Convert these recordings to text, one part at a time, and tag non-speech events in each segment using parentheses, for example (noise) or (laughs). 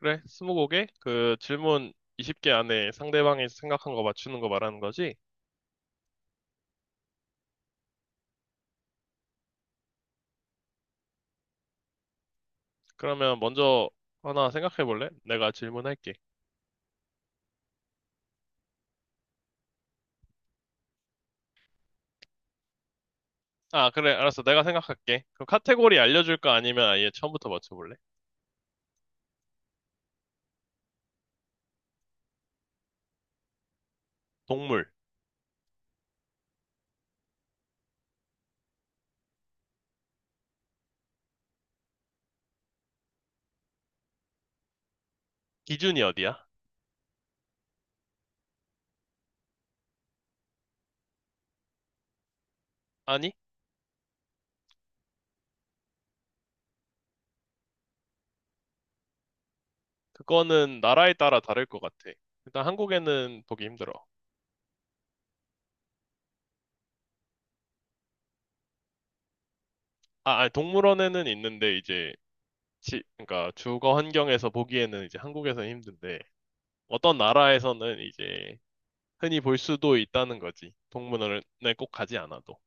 그래, 스무고개? 그 질문 20개 안에 상대방이 생각한 거 맞추는 거 말하는 거지? 그러면 먼저 하나 생각해 볼래? 내가 질문할게. 아, 그래, 알았어. 내가 생각할게. 그럼 카테고리 알려줄까? 아니면 아예 처음부터 맞춰볼래? 동물. 기준이 어디야? 아니, 그거는 나라에 따라 다를 것 같아. 일단 한국에는 보기 힘들어. 아, 아니, 동물원에는 있는데 이제 그러니까 주거 환경에서 보기에는 이제 한국에서는 힘든데 어떤 나라에서는 이제 흔히 볼 수도 있다는 거지. 동물원에 꼭 가지 않아도.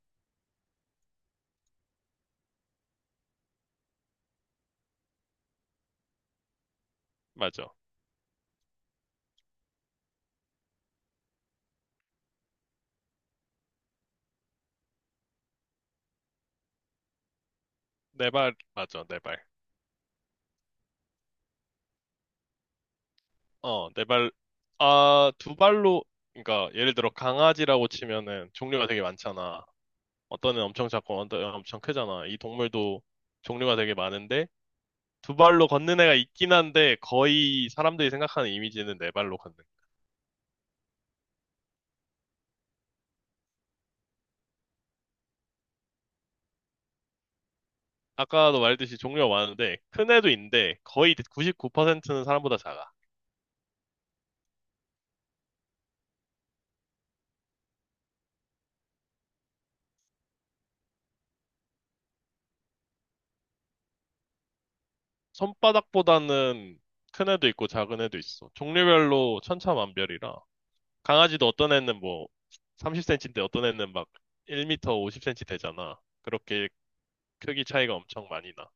맞아. 네 발, 맞아, 네 발. 네 발, 아, 두 발로, 그러니까 예를 들어 강아지라고 치면은 종류가 되게 많잖아. 어떤 애는 엄청 작고 어떤 애는 엄청 크잖아. 이 동물도 종류가 되게 많은데 두 발로 걷는 애가 있긴 한데 거의 사람들이 생각하는 이미지는 네 발로 걷는. 아까도 말했듯이 종류가 많은데 큰 애도 있는데 거의 99%는 사람보다 작아. 손바닥보다는 큰 애도 있고 작은 애도 있어. 종류별로 천차만별이라. 강아지도 어떤 애는 뭐 30cm인데 어떤 애는 막 1m 50cm 되잖아. 그렇게 크기 차이가 엄청 많이 나.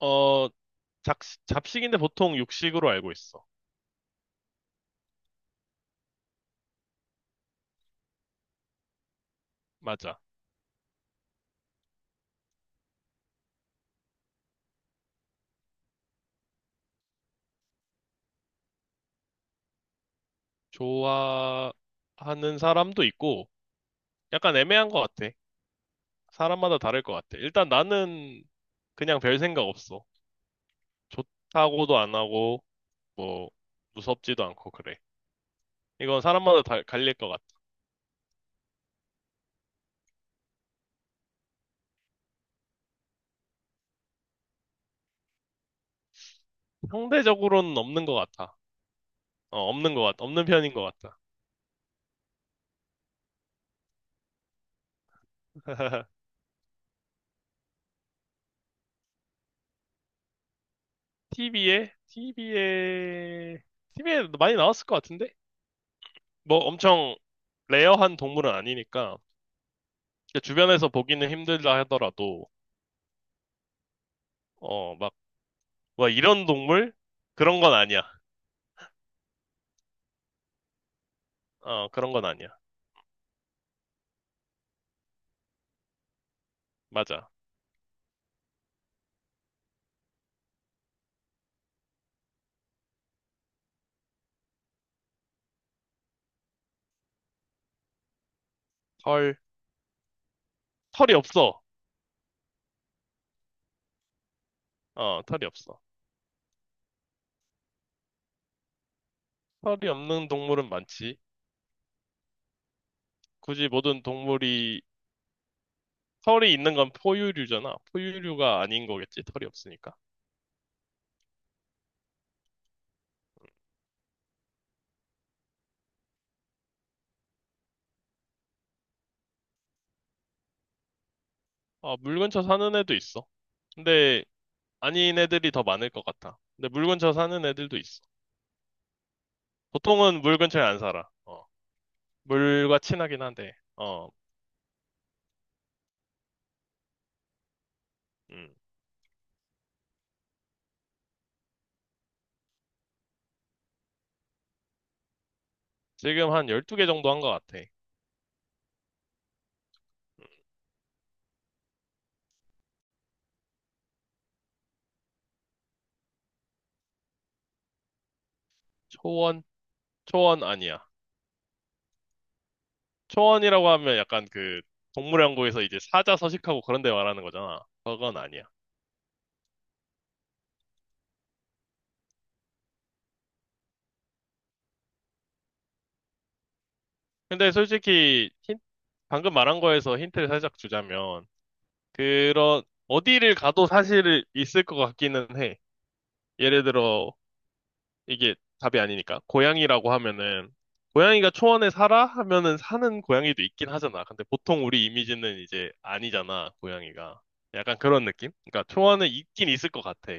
어, 잡, 잡식인데 보통 육식으로 알고 있어. 맞아. 좋아하는 사람도 있고 약간 애매한 것 같아. 사람마다 다를 것 같아. 일단 나는 그냥 별 생각 없어. 좋다고도 안 하고 뭐 무섭지도 않고 그래. 이건 사람마다 다 갈릴 것 같아. 상대적으로는 없는 것 같아. 없는 것 같아. 없는 편인 것 같아. (laughs) TV에? TV에 많이 나왔을 것 같은데? 뭐 엄청 레어한 동물은 아니니까. 그러니까 주변에서 보기는 힘들다 하더라도, 어, 막, 와, 이런 동물? 그런 건 아니야. 그런 건 아니야. 맞아. 털, 털이 없어. 털이 없어. 털이 없는 동물은 많지. 굳이 모든 동물이 털이 있는 건 포유류잖아. 포유류가 아닌 거겠지, 털이 없으니까. 아, 물 근처 사는 애도 있어. 근데 아닌 애들이 더 많을 것 같아. 근데 물 근처 사는 애들도 있어. 보통은 물 근처에 안 살아. 물과 친하긴 한데, 음. 지금 한 12개 정도 한 것 같아. 음, 초원? 초원 아니야. 초원이라고 하면 약간 그 동물연구에서 이제 사자 서식하고 그런 데 말하는 거잖아. 그건 아니야. 근데 솔직히 힌- 방금 말한 거에서 힌트를 살짝 주자면, 그런, 어디를 가도 사실 있을 것 같기는 해. 예를 들어, 이게 답이 아니니까. 고양이라고 하면은, 고양이가 초원에 살아? 하면은 사는 고양이도 있긴 하잖아. 근데 보통 우리 이미지는 이제 아니잖아, 고양이가. 약간 그런 느낌? 그러니까 초원에 있긴 있을 것 같아.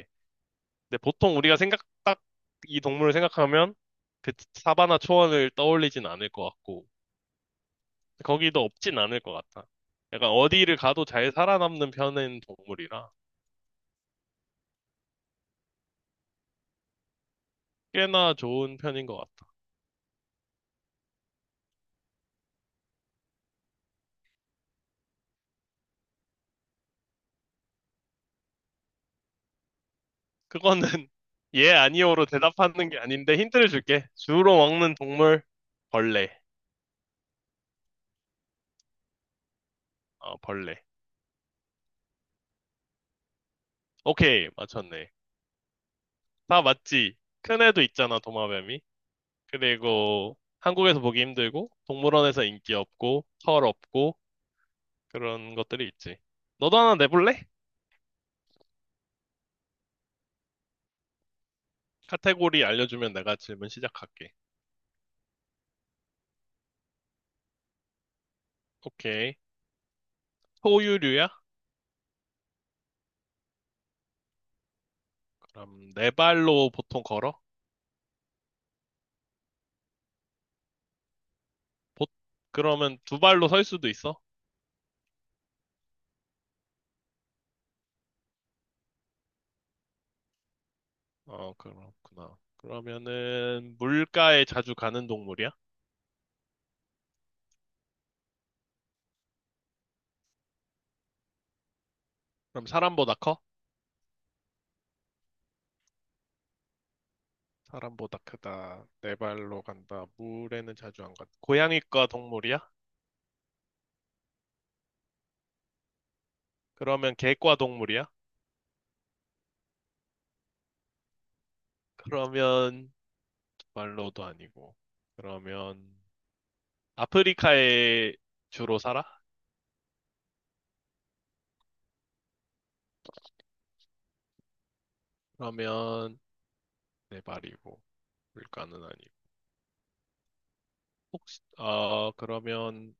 근데 보통 우리가 생각, 딱 이 동물을 생각하면 그 사바나 초원을 떠올리진 않을 것 같고, 거기도 없진 않을 것 같아. 약간 어디를 가도 잘 살아남는 편인 동물이라. 꽤나 좋은 편인 것 같다. 그거는 (laughs) 예, 아니오로 대답하는 게 아닌데 힌트를 줄게. 주로 먹는 동물, 벌레. 어, 벌레. 오케이, 맞췄네. 다 맞지? 큰 애도 있잖아, 도마뱀이. 그리고 한국에서 보기 힘들고, 동물원에서 인기 없고, 털 없고, 그런 것들이 있지. 너도 하나 내볼래? 카테고리 알려주면 내가 질문 시작할게. 오케이. 포유류야? 그럼 네 발로 보통 걸어? 보- 그러면 두 발로 설 수도 있어? 어, 그렇구나. 그러면은 물가에 자주 가는 동물이야? 그럼 사람보다 커? 사람보다 크다. 네 발로 간다. 물에는 자주 안 간다. 고양이과 동물이야? 그러면 개과 동물이야? 그러면 두 발로도 아니고. 그러면 아프리카에 주로 살아? 그러면 네 발이고 물가는 아니고. 혹시 어 그러면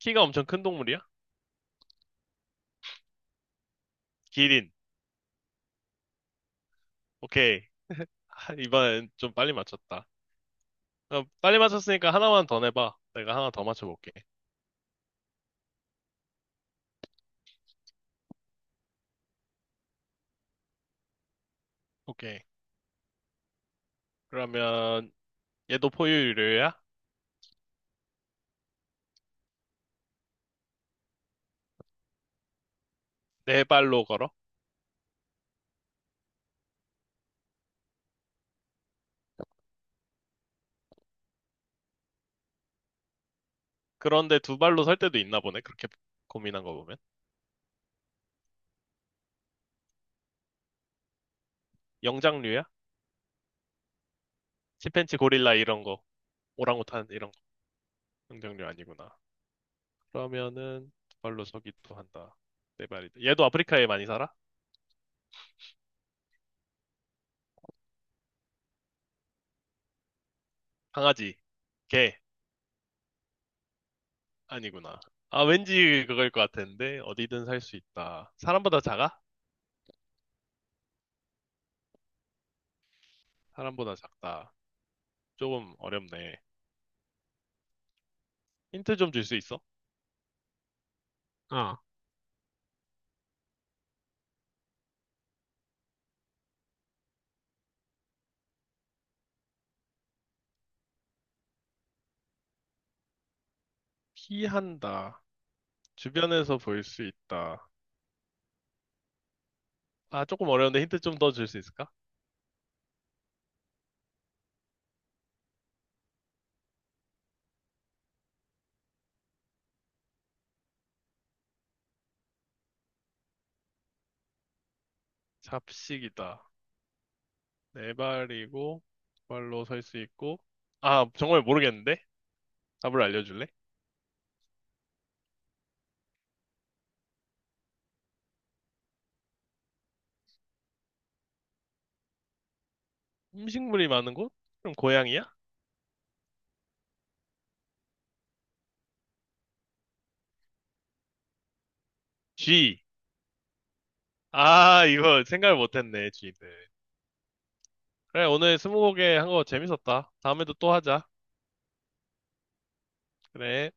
키가 엄청 큰 동물이야? 기린. 오케이. 아, 이번엔 좀 빨리 맞췄다. 어, 빨리 맞췄으니까 하나만 더 내봐. 내가 하나 더 맞춰볼게. 오케이. 그러면 얘도 포유류야? 네 발로 걸어? 그런데 두 발로 설 때도 있나 보네. 그렇게 고민한 거 보면. 영장류야? c 팬치 고릴라 이런 거. 오랑우탄 이런 거. 영장류 아니구나. 그러면은 두 발로 서기도 한다. 네 발이다. 얘도 아프리카에 많이 살아? 강아지, 개 아니구나. 아 왠지 그거일 것 같은데 어디든 살 수 있다. 사람보다 작아? 사람보다 작다. 조금 어렵네. 힌트 좀 줄 수 있어? 아, 피한다. 주변에서 볼 수 있다. 아, 조금 어려운데 힌트 좀 더 줄 수 있을까? 잡식이다. 네 발이고, 두 발로 설 수 있고. 아, 정말 모르겠는데? 답을 알려줄래? 음식물이 많은 곳? 그럼 고양이야? 쥐. 아, 이거 생각을 못했네, 쥐는. 그래, 오늘 스무고개 한 거 재밌었다. 다음에도 또 하자. 그래.